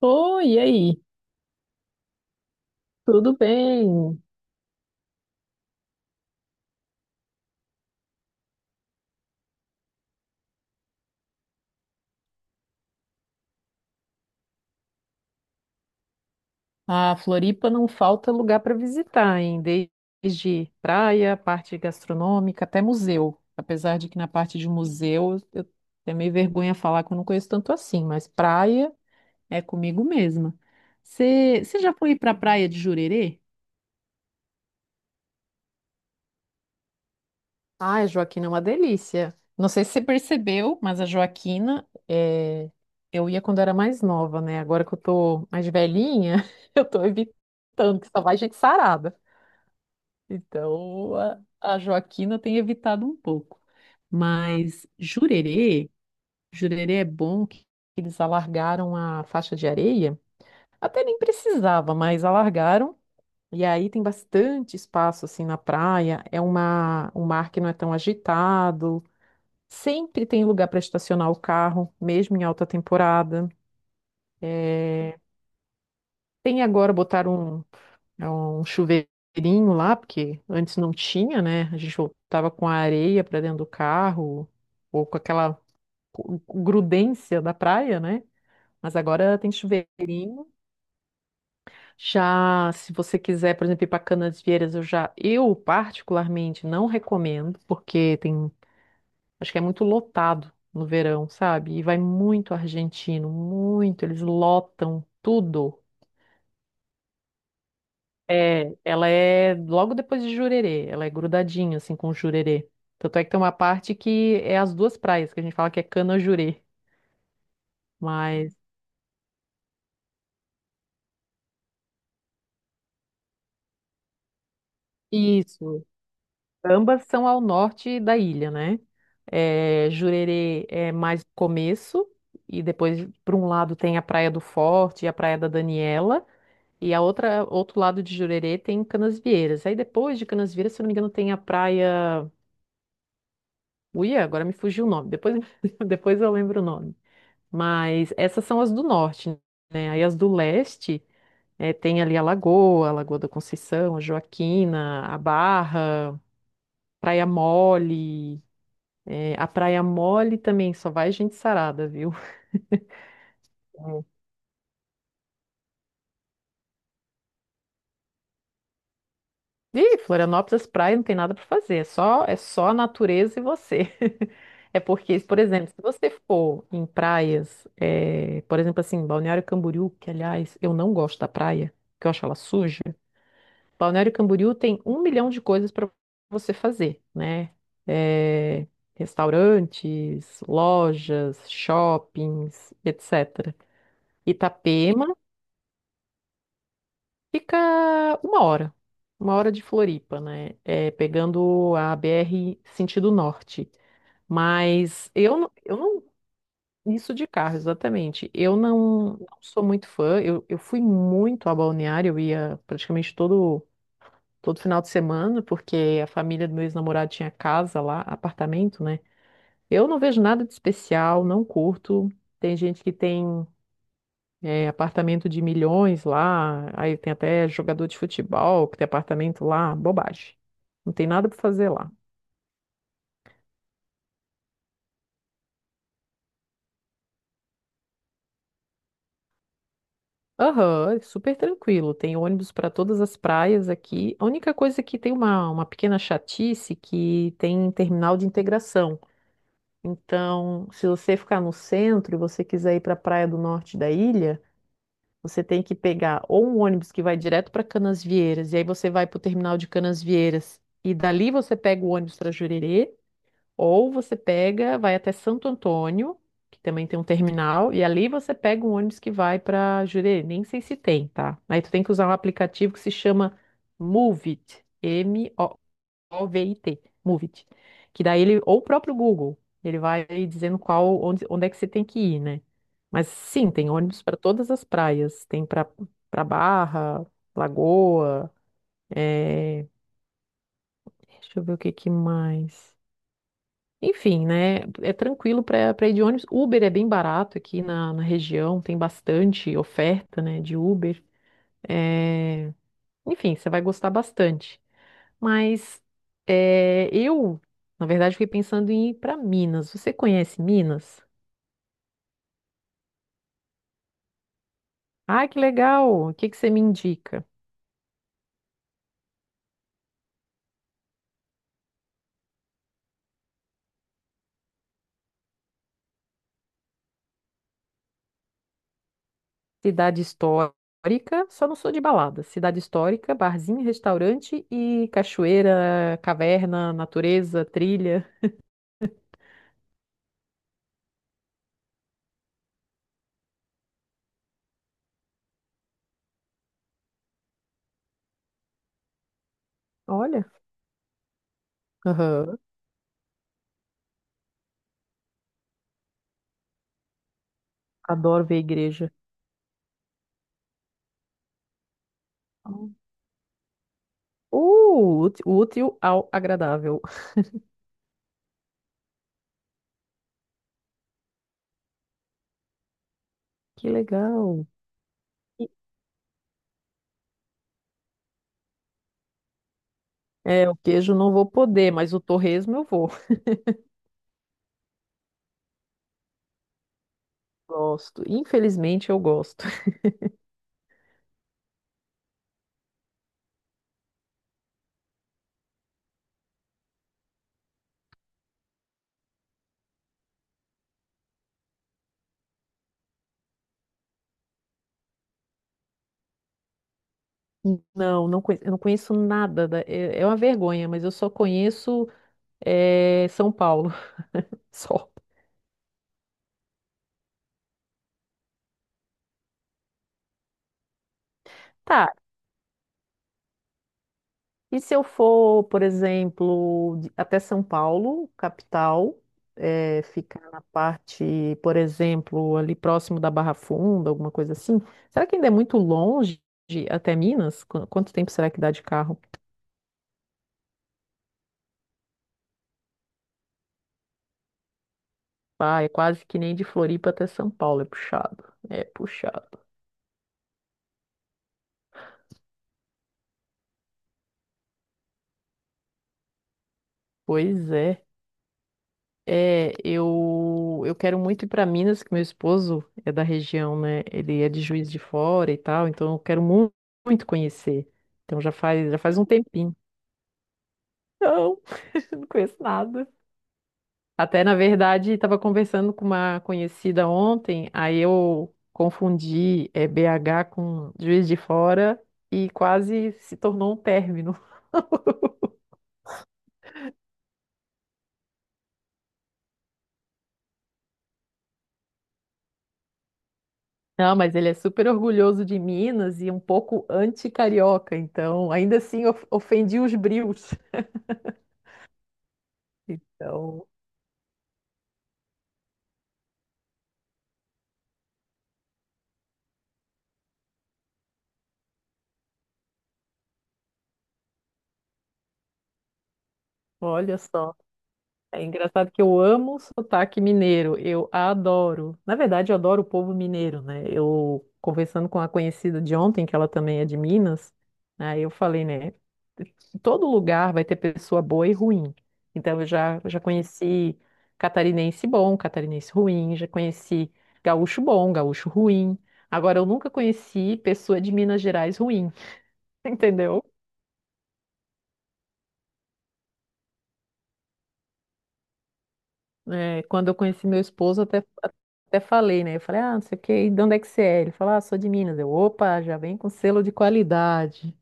Oi, e aí? Tudo bem? A Floripa não falta lugar para visitar, hein? Desde praia, parte gastronômica, até museu. Apesar de que na parte de museu eu tenho meio vergonha de falar que eu não conheço tanto assim, mas praia é comigo mesma. Você já foi para a praia de Jurerê? Ai, a Joaquina é uma delícia. Não sei se você percebeu, mas a Joaquina, eu ia quando era mais nova, né? Agora que eu tô mais velhinha, eu tô evitando, que só vai gente sarada. Então, a Joaquina tem evitado um pouco. Mas Jurerê, Jurerê é bom que eles alargaram a faixa de areia. Até nem precisava, mas alargaram. E aí tem bastante espaço assim na praia. É uma, um mar que não é tão agitado. Sempre tem lugar para estacionar o carro, mesmo em alta temporada. É, tem agora botar um, é um chuveirinho lá, porque antes não tinha, né? A gente voltava com a areia para dentro do carro, ou com aquela grudência da praia, né? Mas agora tem chuveirinho. Já, se você quiser, por exemplo, ir para Canasvieiras, eu já, eu particularmente não recomendo, porque tem... Acho que é muito lotado no verão, sabe? E vai muito argentino, muito. Eles lotam tudo. É, ela é logo depois de Jurerê, ela é grudadinha assim com Jurerê. Tanto é que tem uma parte que é as duas praias, que a gente fala que é Canajurê, mas isso, ambas são ao norte da ilha, né? É, Jurerê é mais começo e depois por um lado tem a Praia do Forte e a Praia da Daniela. E a outra, outro lado de Jurerê tem Canasvieiras. Aí depois de Canasvieiras, se eu não me engano, tem a praia. Uia, agora me fugiu o nome. Depois, depois eu lembro o nome. Mas essas são as do norte, né? Aí as do leste, tem ali a Lagoa da Conceição, a Joaquina, a Barra, Praia Mole. A Praia Mole também só vai gente sarada, viu? Ih, Florianópolis, praia, não tem nada para fazer. É só a natureza e você. É porque, por exemplo, se você for em praias, por exemplo, assim, Balneário Camboriú, que aliás eu não gosto da praia, que eu acho ela suja. Balneário Camboriú tem um milhão de coisas para você fazer, né? Eh, restaurantes, lojas, shoppings, etc. Itapema fica uma hora, uma hora de Floripa, né? É, pegando a BR sentido norte. Mas eu, não- eu não. Isso de carro, exatamente. Eu não, não sou muito fã. Eu fui muito a Balneário, eu ia praticamente todo, todo final de semana, porque a família do meu ex-namorado tinha casa lá, apartamento, né? Eu não vejo nada de especial, não curto. Tem gente que tem é, apartamento de milhões lá, aí tem até jogador de futebol que tem apartamento lá, bobagem. Não tem nada para fazer lá. Aham, é super tranquilo. Tem ônibus para todas as praias aqui. A única coisa é que tem uma pequena chatice é que tem terminal de integração. Então, se você ficar no centro e você quiser ir para a praia do norte da ilha, você tem que pegar ou um ônibus que vai direto para Canasvieiras, e aí você vai para o terminal de Canasvieiras, e dali você pega o ônibus para Jurerê, ou você pega, vai até Santo Antônio, que também tem um terminal, e ali você pega um ônibus que vai para Jurerê. Nem sei se tem, tá? Aí tu tem que usar um aplicativo que se chama Moovit, M-O-V-I-T, Moovit. Que daí ele, ou o próprio Google, ele vai aí dizendo qual, onde, onde é que você tem que ir, né? Mas sim, tem ônibus para todas as praias. Tem para Barra, Lagoa, é... deixa eu ver o que que mais. Enfim, né? É tranquilo para ir de ônibus. Uber é bem barato aqui na, na região, tem bastante oferta, né, de Uber. É, enfim, você vai gostar bastante. Mas é, eu, na verdade, fiquei pensando em ir para Minas. Você conhece Minas? Ah, que legal! O que que você me indica? Cidade histórica, só não sou de balada. Cidade histórica, barzinho, restaurante e cachoeira, caverna, natureza, trilha. Olha. Aham. Adoro ver a igreja. Uh, útil, útil ao agradável. Que legal. E- É, o queijo não vou poder, mas o torresmo eu vou. Gosto. Infelizmente eu gosto. Não, não conheço, eu não conheço nada. É, é uma vergonha, mas eu só conheço é, São Paulo. Só. Tá, e se eu for, por exemplo, até São Paulo, capital, ficar na parte, por exemplo, ali próximo da Barra Funda, alguma coisa assim, será que ainda é muito longe até Minas? Quanto tempo será que dá de carro? Ah, é quase que nem de Floripa até São Paulo, é puxado. É puxado. Pois é. É, eu quero muito ir para Minas, que meu esposo é da região, né? Ele é de Juiz de Fora e tal, então eu quero muito conhecer. Então já faz um tempinho. Não, não conheço nada. Até, na verdade, estava conversando com uma conhecida ontem, aí eu confundi é, BH com Juiz de Fora e quase se tornou um término. Não, mas ele é super orgulhoso de Minas e um pouco anti-carioca, então ainda assim ofendi os brios. Então, olha só. É engraçado que eu amo o sotaque mineiro, eu adoro. Na verdade, eu adoro o povo mineiro, né? Eu conversando com a conhecida de ontem, que ela também é de Minas, né, aí eu falei, né? Todo lugar vai ter pessoa boa e ruim. Então, eu já, já conheci catarinense bom, catarinense ruim, já conheci gaúcho bom, gaúcho ruim. Agora, eu nunca conheci pessoa de Minas Gerais ruim, entendeu? É, quando eu conheci meu esposo, até, até falei, né? Eu falei, ah, não sei o quê, e de onde é que você é? Ele falou, ah, sou de Minas. Eu, opa, já vem com selo de qualidade.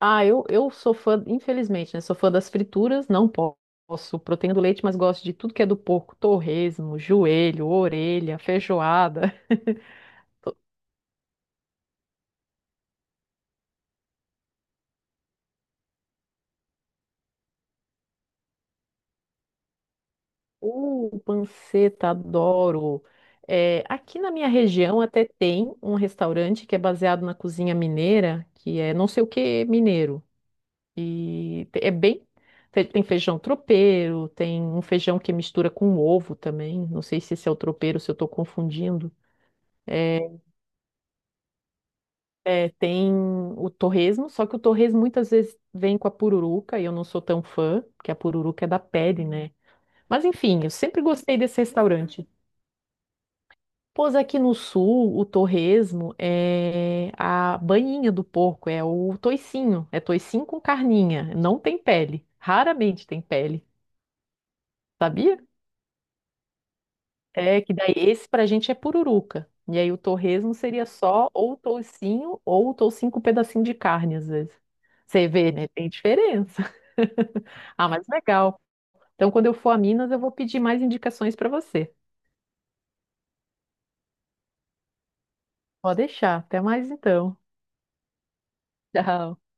Ah, eu sou fã, infelizmente, né? Sou fã das frituras, não posso proteína do leite, mas gosto de tudo que é do porco, torresmo, joelho, orelha, feijoada. Panceta, adoro. É, aqui na minha região até tem um restaurante que é baseado na cozinha mineira, que é não sei o que mineiro. E te- é bem. Tem feijão tropeiro, tem um feijão que mistura com ovo também. Não sei se esse é o tropeiro, se eu estou confundindo. É, é, tem o torresmo, só que o torresmo muitas vezes vem com a pururuca e eu não sou tão fã, porque a pururuca é da pele, né? Mas enfim, eu sempre gostei desse restaurante. Pois aqui no sul, o torresmo é a banhinha do porco, é o toicinho. É toicinho com carninha, não tem pele. Raramente tem pele, sabia? É que daí esse pra gente é pururuca. E aí o torresmo seria só ou o toucinho com um pedacinho de carne, às vezes. Você vê, né? Tem diferença. Ah, mas legal. Então, quando eu for a Minas, eu vou pedir mais indicações pra você. Pode deixar. Até mais então. Tchau.